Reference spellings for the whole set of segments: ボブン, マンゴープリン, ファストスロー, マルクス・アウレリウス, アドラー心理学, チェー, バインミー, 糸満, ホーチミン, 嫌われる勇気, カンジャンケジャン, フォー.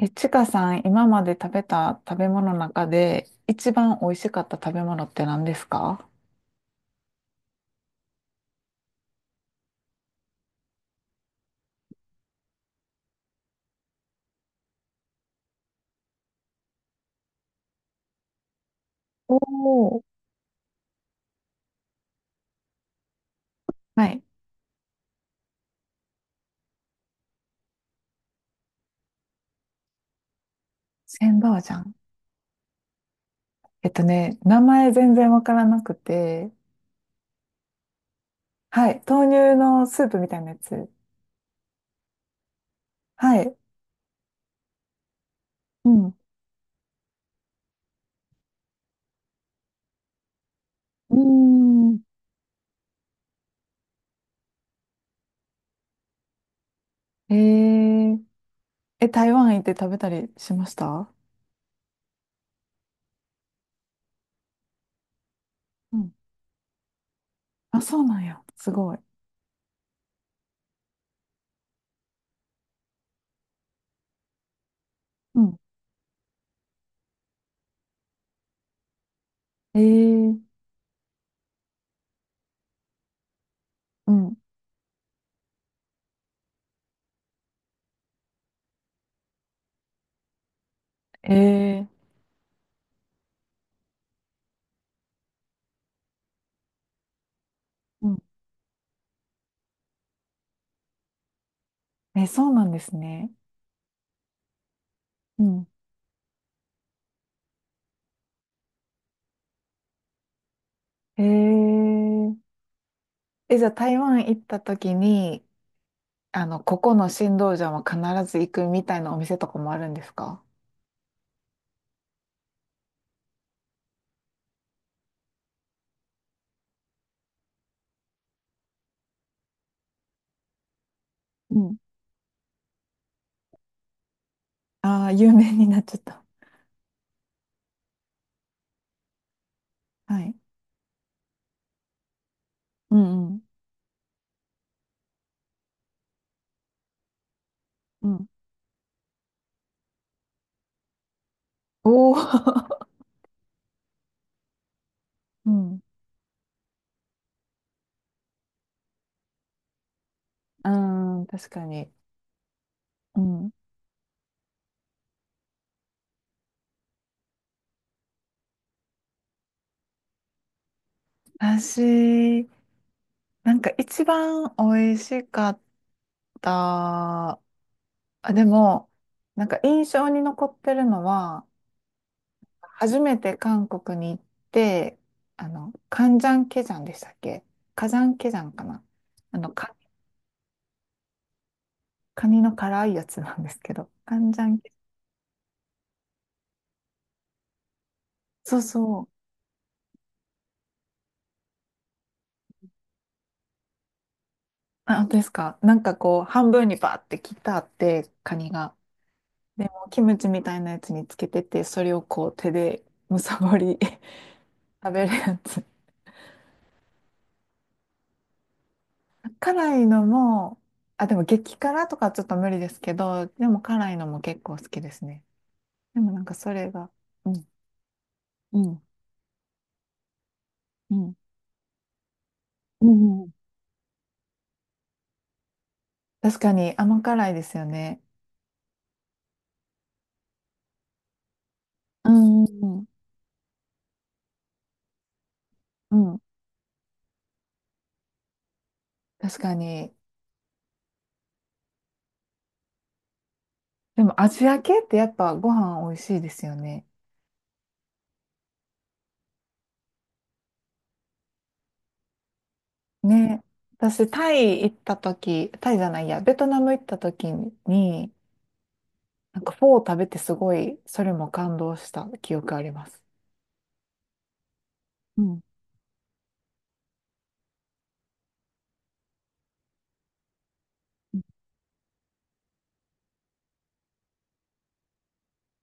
ちかさん、今まで食べた食べ物の中で一番美味しかった食べ物って何ですか？おー。はい。千葉じゃん。名前全然わからなくて、はい。豆乳のスープみたいなやつ。はい。うん。うーん。えー、え、台湾行って食べたりしました？うん。あ、そうなんや。すごい。うん。ええ。うん。ええ。うん。え、そうなんですね。うん。ええ。え、じゃあ台湾行った時に、あの、ここの新道場は必ず行くみたいなお店とかもあるんですか？うん。ああ、有名になっちゃった。はい。うんうん。うん。おお。うん。うん、確かに。うん。私、一番美味しかった、あ、でも、なんか印象に残ってるのは、初めて韓国に行って、あの、カンジャンケジャンでしたっけ？カジャンケジャンかな。あの、カ、カニの辛いやつなんですけど、カンジャンケ、そうそう。あ、本当ですか？なんかこう、半分にバーって切ってあって、カニが。でも、キムチみたいなやつにつけてて、それをこう、手でむさぼり 食べるやつ。辛いのも、あ、でも激辛とかちょっと無理ですけど、でも辛いのも結構好きですね。でもなんかそれが、うん、うん、うん、うん、うん。確かに甘辛いですよね。うん、うん。うん、うん。確かに。でもアジア系ってやっぱご飯美味しいですよね。ね。私、タイ行った時、タイじゃないや、ベトナム行った時に、なんかフォー食べてすごい、それも感動した記憶あります。うん。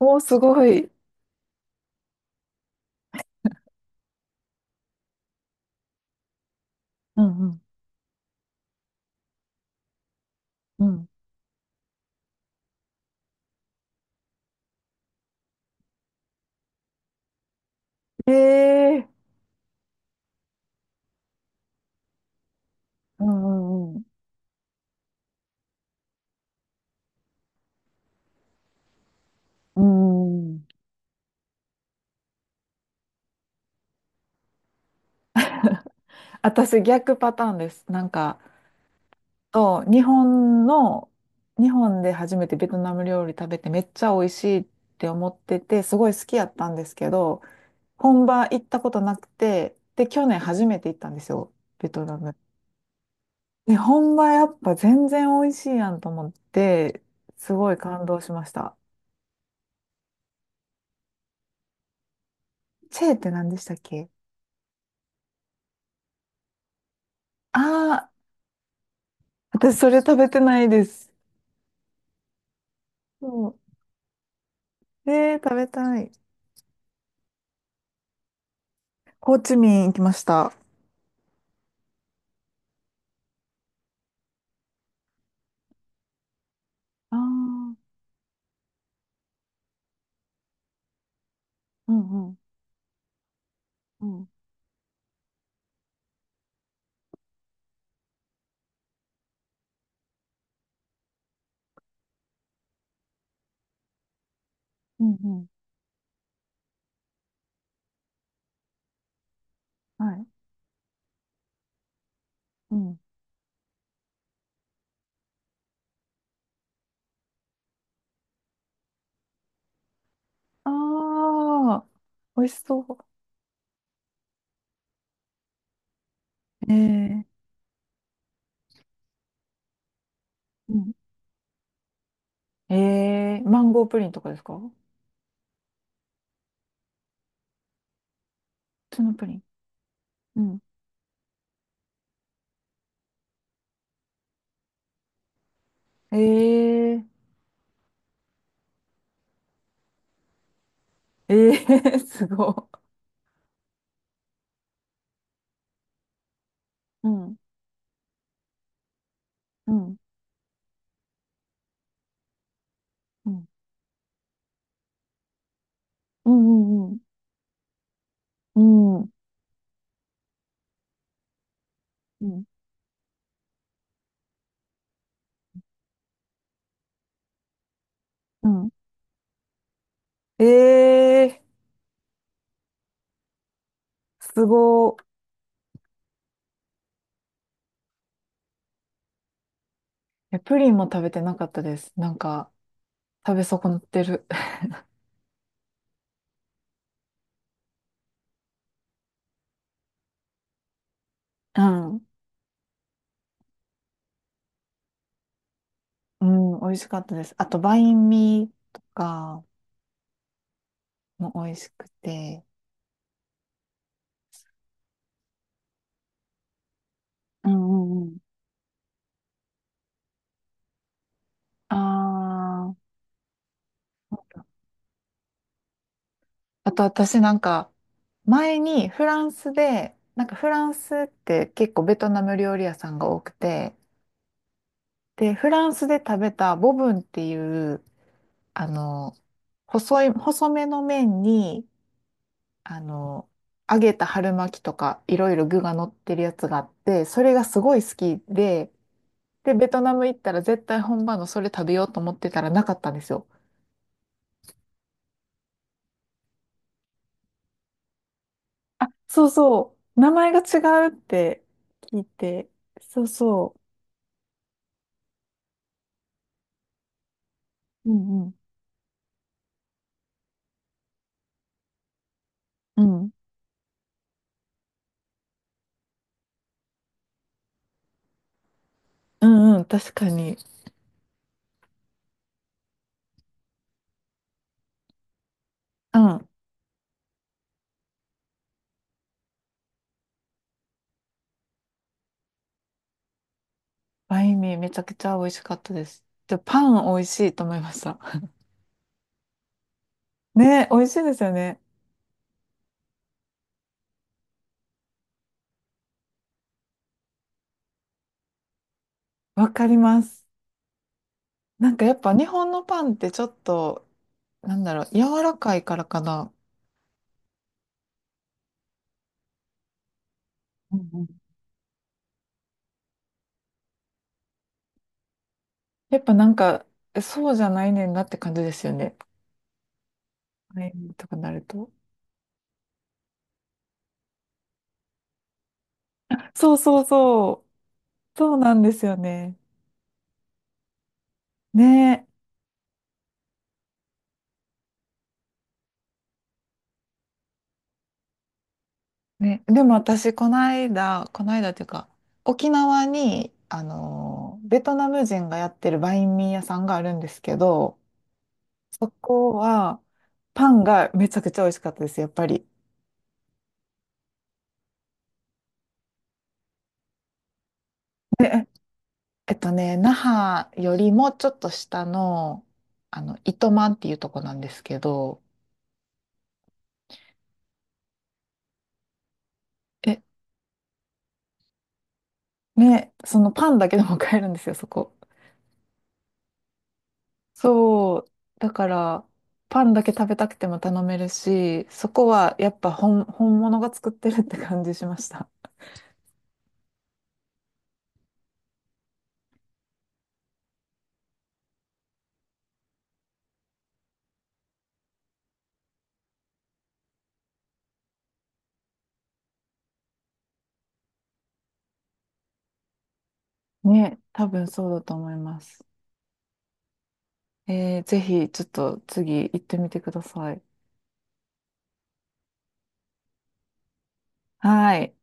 おー、すごい。うんうんうん。ええ。うんうんうん。うん。私逆パターンです。なんか、そう、日本の、日本で初めてベトナム料理食べてめっちゃ美味しいって思ってて、すごい好きやったんですけど、本場行ったことなくて、で、去年初めて行ったんですよ、ベトナム。で、本場やっぱ全然美味しいやんと思って、すごい感動しました。チェーって何でしたっけ？ああー、私それ食べてないです。そう。えー、食べたい。ホーチミン行きました。ああ、うんうん、うん、うん、うん、はい、うん。ああ、美味しそう。えー、うん。ええ、マンゴープリンとかですか？普通のプリン。うん。えー、えー、すごい。うん、うん、うん、うん、うん、うん、うん、うん。うん。えー。ええ。すごい。え、プリンも食べてなかったです。なんか、食べ損なってる。うん。うん、美味しかったです。あと、バインミーとかも美味しくて。うんうんうん。ああ、あと、私なんか、前にフランスで、なんかフランスって結構ベトナム料理屋さんが多くて、で、フランスで食べたボブンっていう、あの、細い、細めの麺に、あの、揚げた春巻きとかいろいろ具が乗ってるやつがあって、それがすごい好きで、で、ベトナム行ったら絶対本場のそれ食べようと思ってたらなかったんですよ。そうそう。名前が違うって聞いて。そうそう。うんうん。うん。うんうん、確かに。うん。バインミーめちゃくちゃ美味しかったです。で、パン美味しいと思いました。ね、美味しいですよね。わかります。なんかやっぱ日本のパンってちょっと、なんだろう、柔らかいからかな。うんうん。やっぱなんか、そうじゃないねんなって感じですよね。バインミーとかなると。そうそうそう。そうなんですよね。ねえ。ね。でも私、この間、この間っていうか、沖縄に、あの、ベトナム人がやってるバインミー屋さんがあるんですけど、そこは、パンがめちゃくちゃ美味しかったです、やっぱり。ね。那覇よりもちょっと下の、あの、糸満っていうとこなんですけど、え、ね、そのパンだけでも買えるんですよ、そこ。そう。だから、パンだけ食べたくても頼めるし、そこはやっぱ本、本物が作ってるって感じしました。ね、多分そうだと思います。えー、ぜひ、ちょっと次行ってみてください。はい。